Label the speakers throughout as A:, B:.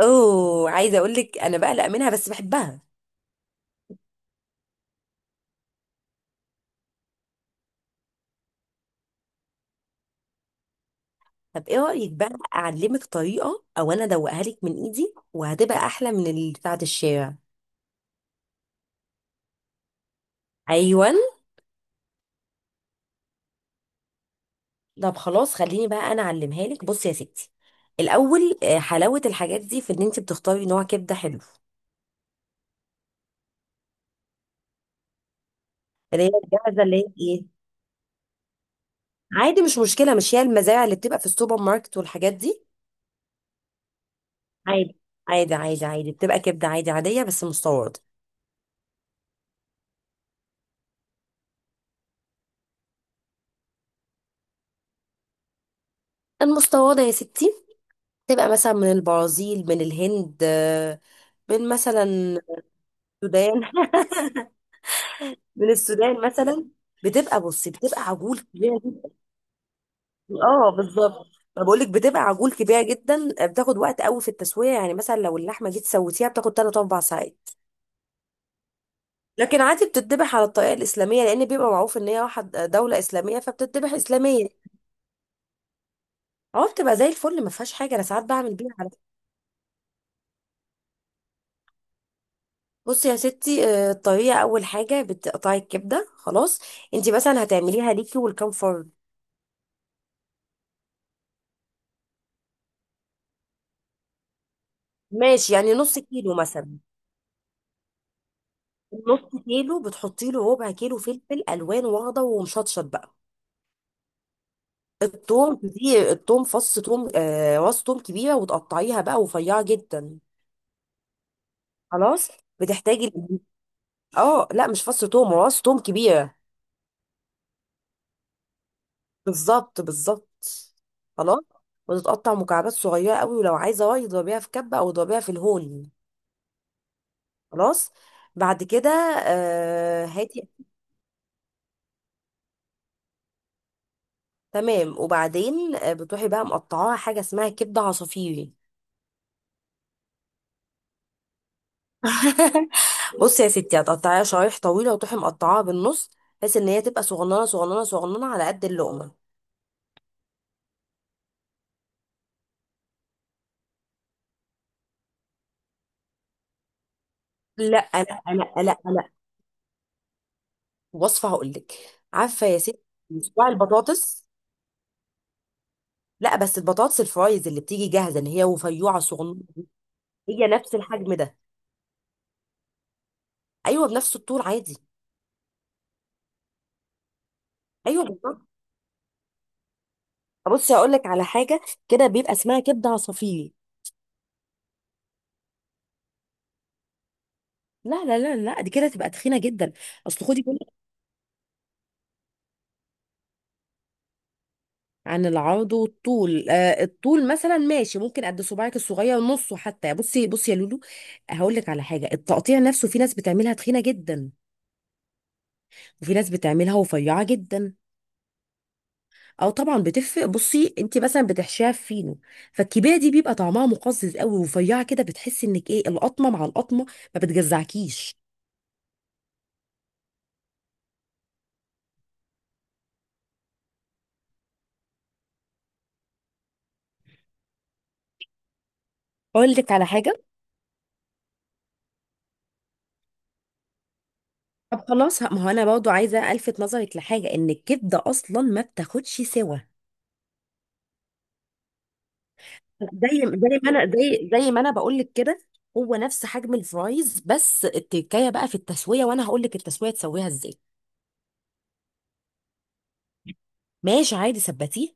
A: اوه، عايزه اقول لك انا بقلق منها بس بحبها. طب ايه رايك بقى اعلمك طريقه او انا ادوقها لك من ايدي وهتبقى احلى من اللي بتاعه الشارع؟ ايوه. طب خلاص خليني بقى انا اعلمها لك. بصي يا ستي، الاول حلاوه الحاجات دي في ان انت بتختاري نوع كبده حلو. اللي هي الجاهزه، اللي هي ايه؟ عادي، مش مشكله. مش هي المزارع اللي بتبقى في السوبر ماركت والحاجات دي؟ عادي، عادي، عادي، عادي، بتبقى كبده عادي، عاديه بس مستورده. المستورده يا ستي تبقى مثلا من البرازيل، من الهند، بين مثلا السودان من السودان مثلا. بتبقى، بصي، بتبقى عجول كبيره جدا. اه بالظبط. ما بقولك بتبقى عجول كبيره جدا، بتاخد وقت قوي في التسويه، يعني مثلا لو اللحمه جيت سويتيها بتاخد 3 4 ساعات. لكن عادي بتتذبح على الطريقه الاسلاميه، لان بيبقى معروف ان هي واحد دوله اسلاميه فبتتذبح اسلاميه. اه بتبقى زي الفل، ما فيهاش حاجه. انا ساعات بعمل بيها على فكرة. بصي يا ستي، الطريقه اول حاجه بتقطعي الكبده. خلاص. انت مثلا هتعمليها ليكي ولكام فرد؟ ماشي، يعني نص كيلو مثلا. نص كيلو بتحطي له ربع كيلو فلفل الوان واخضر ومشطشط بقى. التوم دي، التوم فص توم راس توم كبيره، وتقطعيها بقى رفيعه جدا. خلاص. بتحتاجي. اه لا، مش فص توم، راس توم كبيره. بالظبط، بالظبط. خلاص. وتتقطع مكعبات صغيره قوي، ولو عايزه راي اضربيها في كبه او اضربيها في الهون. خلاص. بعد كده هاتي. تمام. وبعدين، بتروحي بقى مقطعاها حاجه اسمها كبده عصافيري. بصي يا ستي، هتقطعيها شرايح طويله وتروحي مقطعاها بالنص، بحيث ان هي تبقى صغننه صغننه صغننه على قد اللقمه. لا، انا. وصفه هقول لك. عارفه يا ستي، صباع البطاطس. لا بس البطاطس الفرايز اللي بتيجي جاهزه ان هي رفيعه صغننه. هي نفس الحجم ده. ايوه بنفس الطول عادي. ايوه بالظبط. بصي هقول لك على حاجه، كده بيبقى اسمها كبده عصافيري. لا لا لا لا، دي كده تبقى تخينه جدا. اصل خدي. عن العرض والطول، الطول مثلا ماشي ممكن قد صباعك الصغير نصه حتى. بصي بصي يا لولو، هقول لك على حاجه. التقطيع نفسه، في ناس بتعملها تخينه جدا، وفي ناس بتعملها رفيعه جدا. او طبعا بتفرق. بصي، انت مثلا بتحشيها في فينو، فالكبيره دي بيبقى طعمها مقزز قوي، ورفيعه كده بتحسي انك ايه القطمه مع القطمه، ما بتجزعكيش. اقول لك على حاجه. طب خلاص، ما هو انا برضه عايزه الفت نظرك لحاجه ان الكبده اصلا ما بتاخدش سوا. زي ما انا، زي ما انا بقول لك كده، هو نفس حجم الفرايز، بس التكايه بقى في التسويه، وانا هقول لك التسويه تسويها ازاي. ماشي عادي، ثبتيه.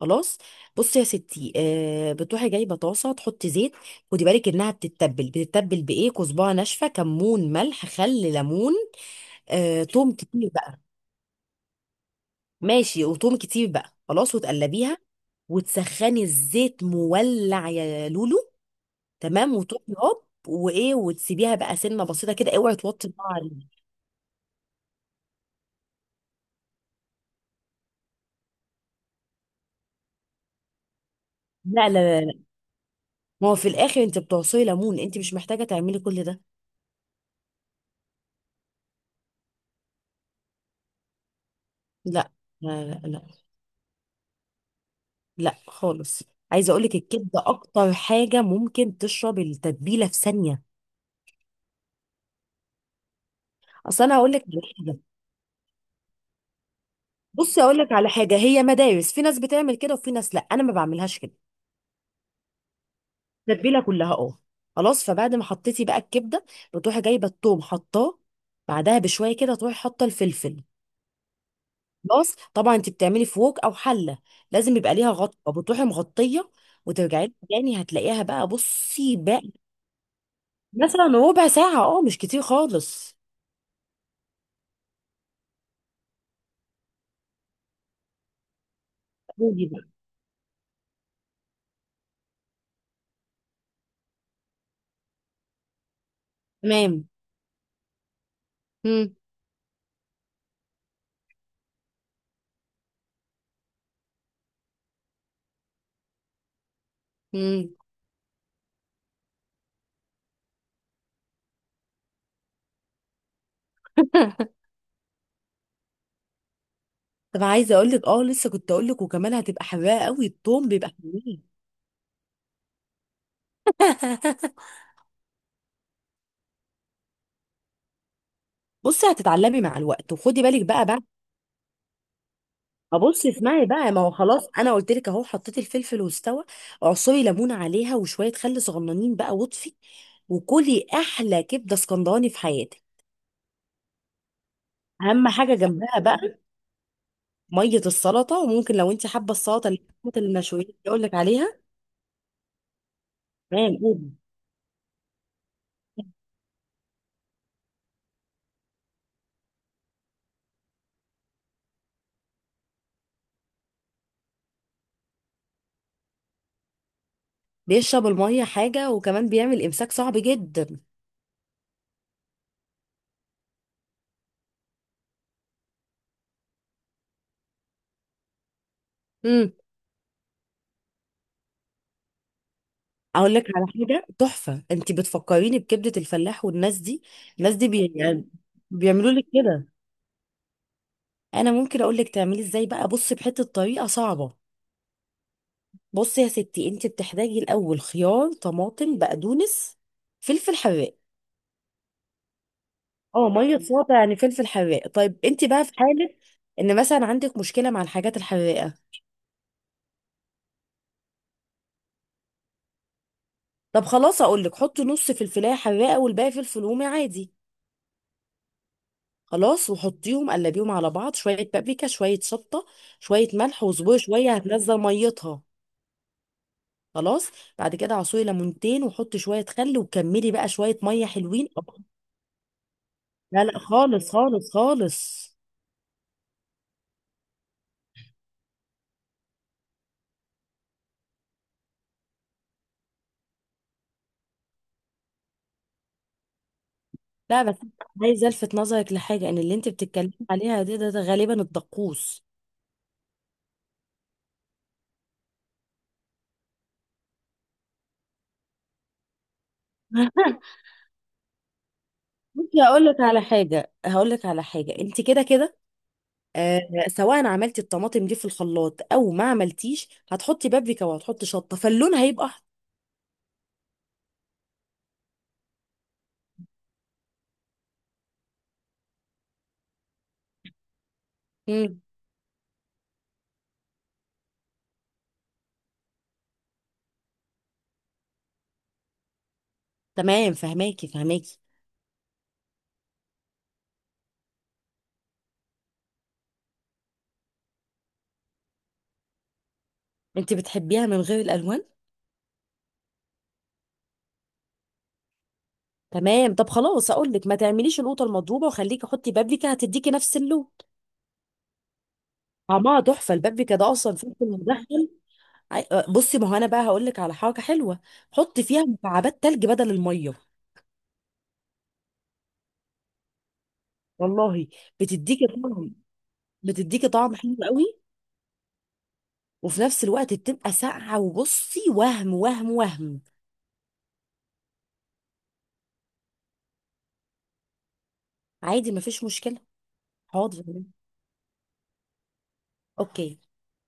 A: خلاص. بصي يا ستي، بتروحي جايبه طاسه تحطي زيت. خدي بالك انها بتتبل بايه، كزبره ناشفه، كمون، ملح، خل، ليمون، توم كتير بقى. ماشي، وتوم كتير بقى. خلاص، وتقلبيها، وتسخني الزيت مولع يا لولو. تمام، وتروحي هوب وايه، وتسيبيها بقى سنه بسيطه كده، اوعي توطي النار عليها. لا لا لا لا. ما هو في الاخر انت بتعصري ليمون، انت مش محتاجه تعملي كل ده. لا لا لا لا، لا خالص. عايزه اقول لك الكبده اكتر حاجه ممكن تشرب التتبيله في ثانيه. اصل انا هقول لك على حاجه. بصي اقول لك على حاجه، هي مدارس، في ناس بتعمل كده وفي ناس لا، انا ما بعملهاش كده. التتبيله كلها اه. خلاص، فبعد ما حطيتي بقى الكبده، بتروحي جايبه الثوم حطاه، بعدها بشويه كده تروحي حاطه الفلفل. خلاص. طبعا انت بتعملي فوق او حله، لازم يبقى ليها غطا، بتروحي مغطيه وترجعي لها تاني هتلاقيها بقى، بصي بقى. مثلا ربع ساعه، اه مش كتير خالص. قولي بقى. تمام. مم. مم. طب، عايزه اقول لك، لسه كنت اقول لك، وكمان هتبقى حراقه قوي التوم، بيبقى حلوين. بصي، هتتعلمي مع الوقت وخدي بالك بقى. ابص اسمعي بقى، ما هو خلاص انا قلت لك اهو حطيت الفلفل واستوى. اعصري ليمونه عليها وشويه خل صغننين بقى واطفي، وكلي احلى كبده اسكندراني في حياتك. اهم حاجه جنبها بقى ميه السلطه. وممكن لو انت حابه السلطه اللي بتاعت المشويات اللي اقول لك عليها. تمام قولي. بيشرب الميه حاجه، وكمان بيعمل امساك صعب جدا. امم اقول لك على حاجه تحفه، انت بتفكريني بكبده الفلاح والناس دي. الناس دي يعني بيعملوا لك كده. انا ممكن اقول لك تعملي ازاي بقى، بصي بحته، طريقه صعبه. بصي يا ستي، انت بتحتاجي الاول خيار، طماطم، بقدونس، فلفل حراق. اه ميه صوابع، يعني فلفل حراق. طيب انت بقى في حاله ان مثلا عندك مشكله مع الحاجات الحراقه. طب خلاص، اقول لك حطي نص فلفلايه حراقه والباقي فلفل رومي عادي. خلاص، وحطيهم قلبيهم على بعض، شويه بابريكا، شويه شطه، شويه ملح وزبوع شويه، هتنزل ميتها. خلاص. بعد كده عصري ليمونتين، وحطي شويه خل، وكملي بقى شويه ميه حلوين. لا لا، خالص خالص خالص. لا بس عايزه الفت نظرك لحاجه، ان اللي انت بتتكلمي عليها دي، ده غالبا الدقوس. بصي هقول لك على حاجه، انت كده كده، آه سواء عملتي الطماطم دي في الخلاط او ما عملتيش، هتحطي بابريكا وهتحطي شطه، فاللون هيبقى احمر. مم. تمام، فهماكي فهماكي. انت بتحبيها من غير الالوان؟ تمام، طب خلاص اقول لك ما تعمليش القوطه المضروبه، وخليكي حطي بابريكا هتديكي نفس اللون. طعمها تحفه، البابريكا ده اصلا فلفل مدخن. أي- أه، بصي، ما هو انا بقى هقول لك على حاجه حلوه. حطي فيها مكعبات تلج بدل الميه. والله بتديكي طعم بتديكي طعم حلو قوي، وفي نفس الوقت بتبقى ساقعه. وبصي وهم وهم وهم. عادي ما فيش مشكله. حاضر. اوكي.